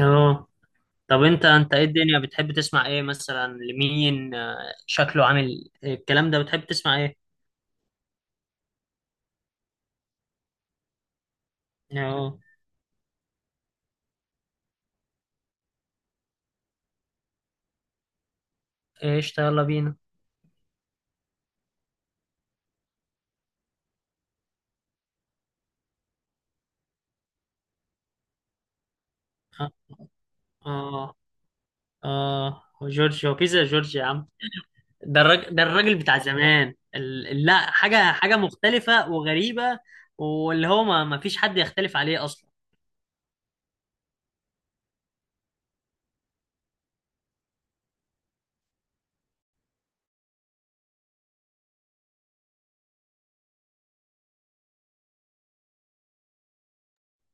اه. طب انت ايه الدنيا بتحب تسمع ايه مثلا لمين شكله عامل إيه؟ الكلام ده بتحب تسمع ايه. اه، ايش يلا بينا. اه. اه. آه. جورج هو كيزا جورج يا عم. ده الراجل ده الراجل بتاع زمان لا، حاجة مختلفة وغريبة. واللي هو ما فيش حد يختلف عليه اصلا.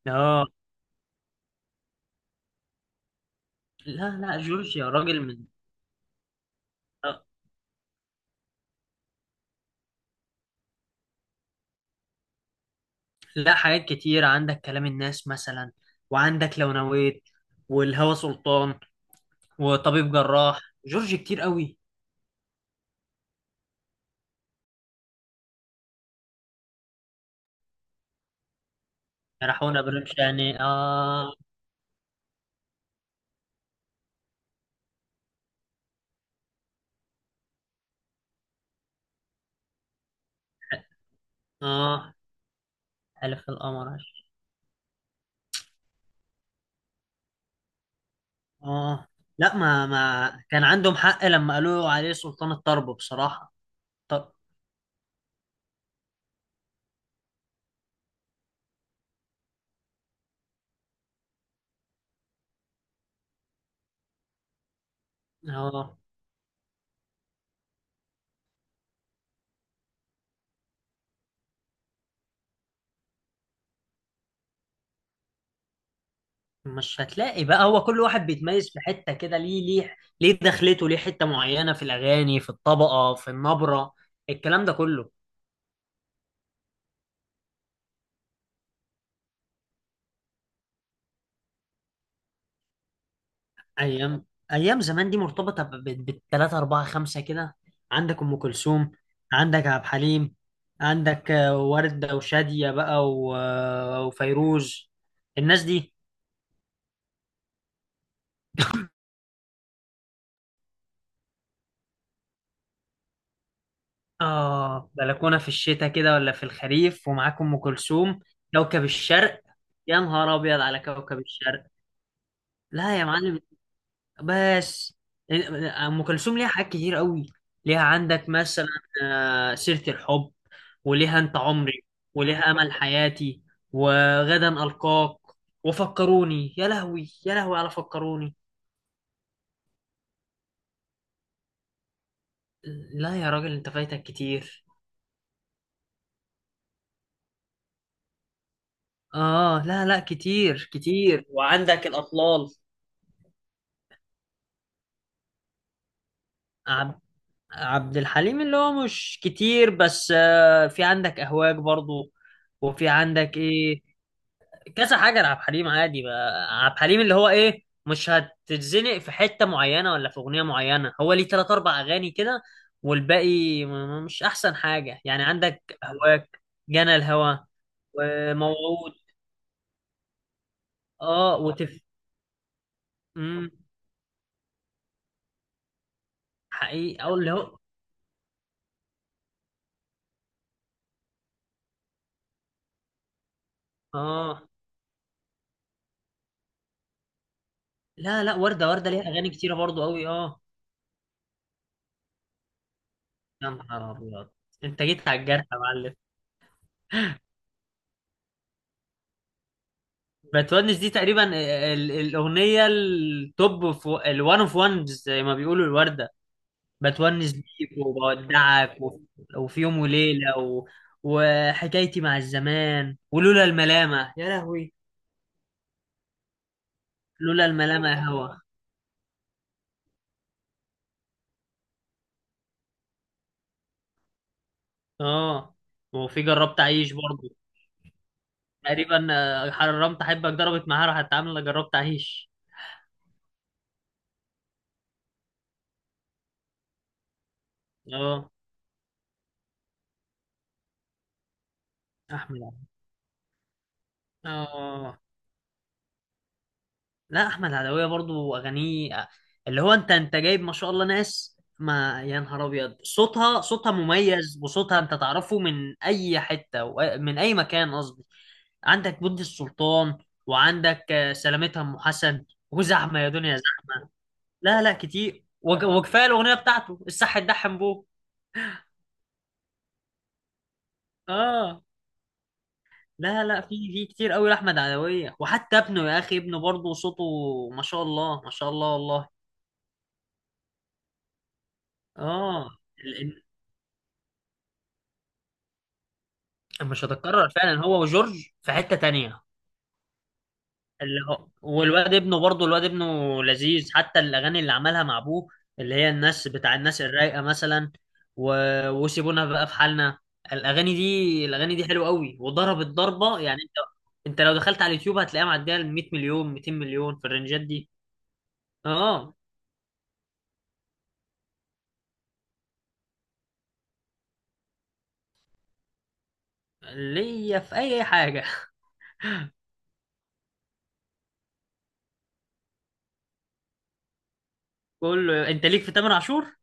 اه، لا لا جورج يا راجل من. آه. لا، حاجات كتير، عندك كلام الناس مثلا، وعندك لو نويت والهوى سلطان وطبيب جراح، جورج كتير قوي. راحونا برمش، يعني حقون ابراهيم شاني. اه. اه، حلف القمر. اه، لا، ما ما كان عندهم حق لما قالوا عليه سلطان الطرب بصراحة. طب. اه، مش هتلاقي بقى، هو كل واحد بيتميز في حتة كده، ليه ليه ليه دخلته ليه حتة معينة في الأغاني، في الطبقة، في النبرة، الكلام ده كله. ايام، ايام زمان دي مرتبطه بالتلاته اربعه خمسه كده. عندك ام كلثوم، عندك عبد الحليم، عندك ورده وشاديه بقى و وفيروز الناس دي. اه، بلكونه في الشتاء كده ولا في الخريف، ومعاك ام كلثوم، كوكب الشرق. يا نهار ابيض على كوكب الشرق. لا يا معلم. بس ام كلثوم ليها حاجات كتير قوي، ليها عندك مثلا سيرة الحب، وليها انت عمري، وليها امل حياتي، وغدا القاك، وفكروني، يا لهوي يا لهوي على فكروني. لا يا راجل، انت فايتك كتير. اه، لا لا، كتير كتير، وعندك الاطلال. عب... عبد الحليم اللي هو مش كتير، بس في عندك اهواك برضو، وفي عندك ايه، كذا حاجه لعبد الحليم. عادي بقى عبد الحليم، اللي هو ايه، مش هتتزنق في حته معينه ولا في اغنيه معينه، هو ليه تلات اربع اغاني كده، والباقي مش احسن حاجه. يعني عندك هواك، جنى الهوى، وموعود. اه، وتف. امم حقيقي، او اللي هو اه. لا لا، ورده ورده ليها اغاني كتيره برضو قوي، اه. يا نهار ابيض، انت جيت على الجرح يا معلم. بتونس دي تقريبا الاغنيه التوب في الوان اوف وانز زي ما بيقولوا الورده. بتونس بيك وبودعك و، وفي يوم وليلة و، وحكايتي مع الزمان ولولا الملامة يا لهوي، لولا الملامة يا هوا. اه، وفي جربت أعيش برضه. تقريبا حرمت أحبك ضربت معاها، راحت عاملة جربت أعيش. اه. أحمد عبد- اه، لا، احمد عدوية برضو اغانيه اللي هو، انت جايب ما شاء الله ناس، ما يا نهار ابيض، صوتها صوتها مميز، وصوتها انت تعرفه من اي حتة وأ- من اي مكان قصدي. عندك بنت السلطان، وعندك سلامتها ام حسن، وزحمة يا دنيا زحمة. لا لا، كتير وكفايه الاغنية بتاعته الصح الدحم بو. اه، لا لا، في في كتير قوي لاحمد عدوية، وحتى ابنه يا اخي، ابنه برضه صوته ما شاء الله، ما شاء الله، والله. اه، مش هتتكرر فعلا، هو وجورج في حتة تانية. اللي هو والواد ابنه برضه، الواد ابنه لذيذ، حتى الأغاني اللي عملها مع أبوه، اللي هي الناس بتاع الناس الرايقة مثلا، و، وسيبونا بقى في حالنا. الأغاني دي، الأغاني دي حلوة قوي، وضربت ضربة. يعني أنت، أنت لو دخلت على اليوتيوب هتلاقيها معدية ال 100 مليون 200 مليون في الرنجات دي. أه. ليا في أي حاجة. كله، أنت ليك في تامر عاشور؟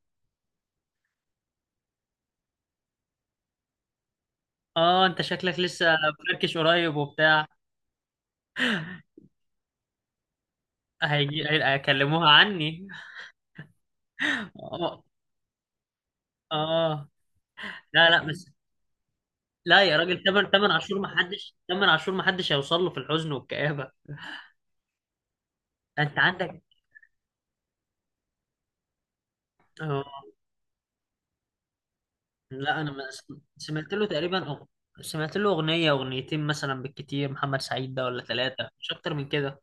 أه أنت شكلك لسه فركش قريب وبتاع. هيجي هيكلموها عني. آه، اه، لا لا بس. لا يا راجل، تمن عاشور ما حدش، تمن عاشور ما حدش هيوصل له في الحزن والكآبة. انت عندك. اه، لا انا ما سم- سمعت له تقريبا سمعت له اغنية اغنيتين مثلا بالكتير محمد سعيد ده، ولا ثلاثة، مش اكتر من كده.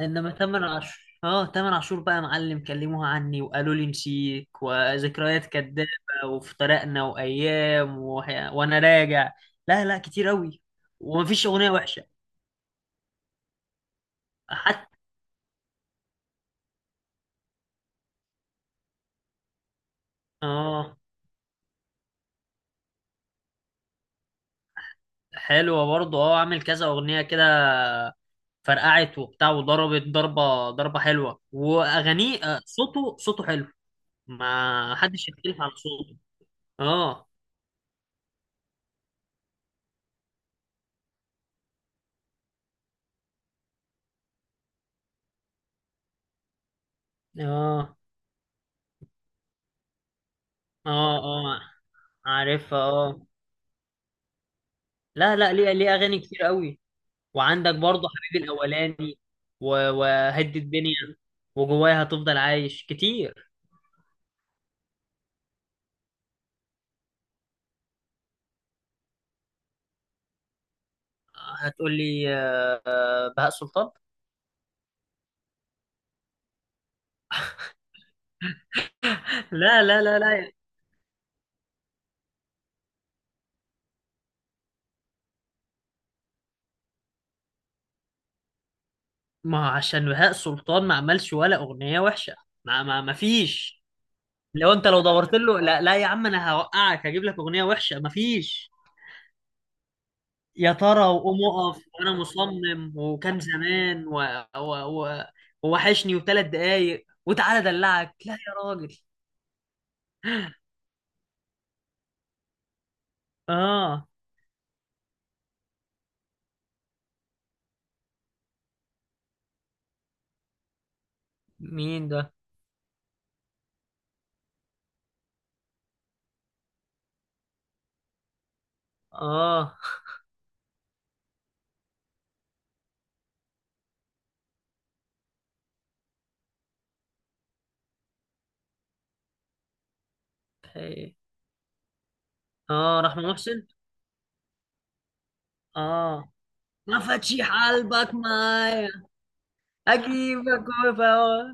انما تمن عاشور، اه تمن عاشور بقى يا معلم، كلموها عني، وقالوا لي نسيك، وذكريات كدابة، وافترقنا، وايام، وانا راجع. لا لا كتير قوي، ومفيش اغنية وحشة حتى. اه، حلوة برضه. اه، عامل كذا أغنية كده، فرقعت وبتاع، وضربت ضربة، ضربة حلوة، وأغانيه صوته صوته حلو، ما حدش يختلف على صوته. اه. اه. اه. اه، عارفها. اه، لا لا، ليه ليه أغاني كتير قوي. وعندك برضه حبيبي الأولاني، و، وهدي الدنيا، وجوايا هتفضل عايش، كتير. هتقول لي بهاء سلطان. لا لا لا لا. ما هو عشان بهاء سلطان ما عملش ولا أغنية وحشة، ما فيش. لو انت لو دورت له، لا لا يا عم، انا هوقعك، هجيب لك أغنية وحشة ما فيش. يا ترى، وقوم اقف، وانا مصمم، وكان زمان، و، و، و، ووحشني، وثلاث دقايق، وتعالى ادلعك. لا يا راجل. اه. مين ده. اه. إيه. اه، رحمة محسن. اه، ما فتشي حلبك معايا، اجيبك وفوا.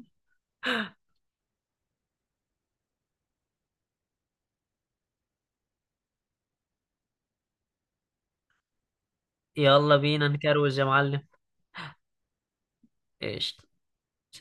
يلا بينا نكروز يا معلم. ايش. ش-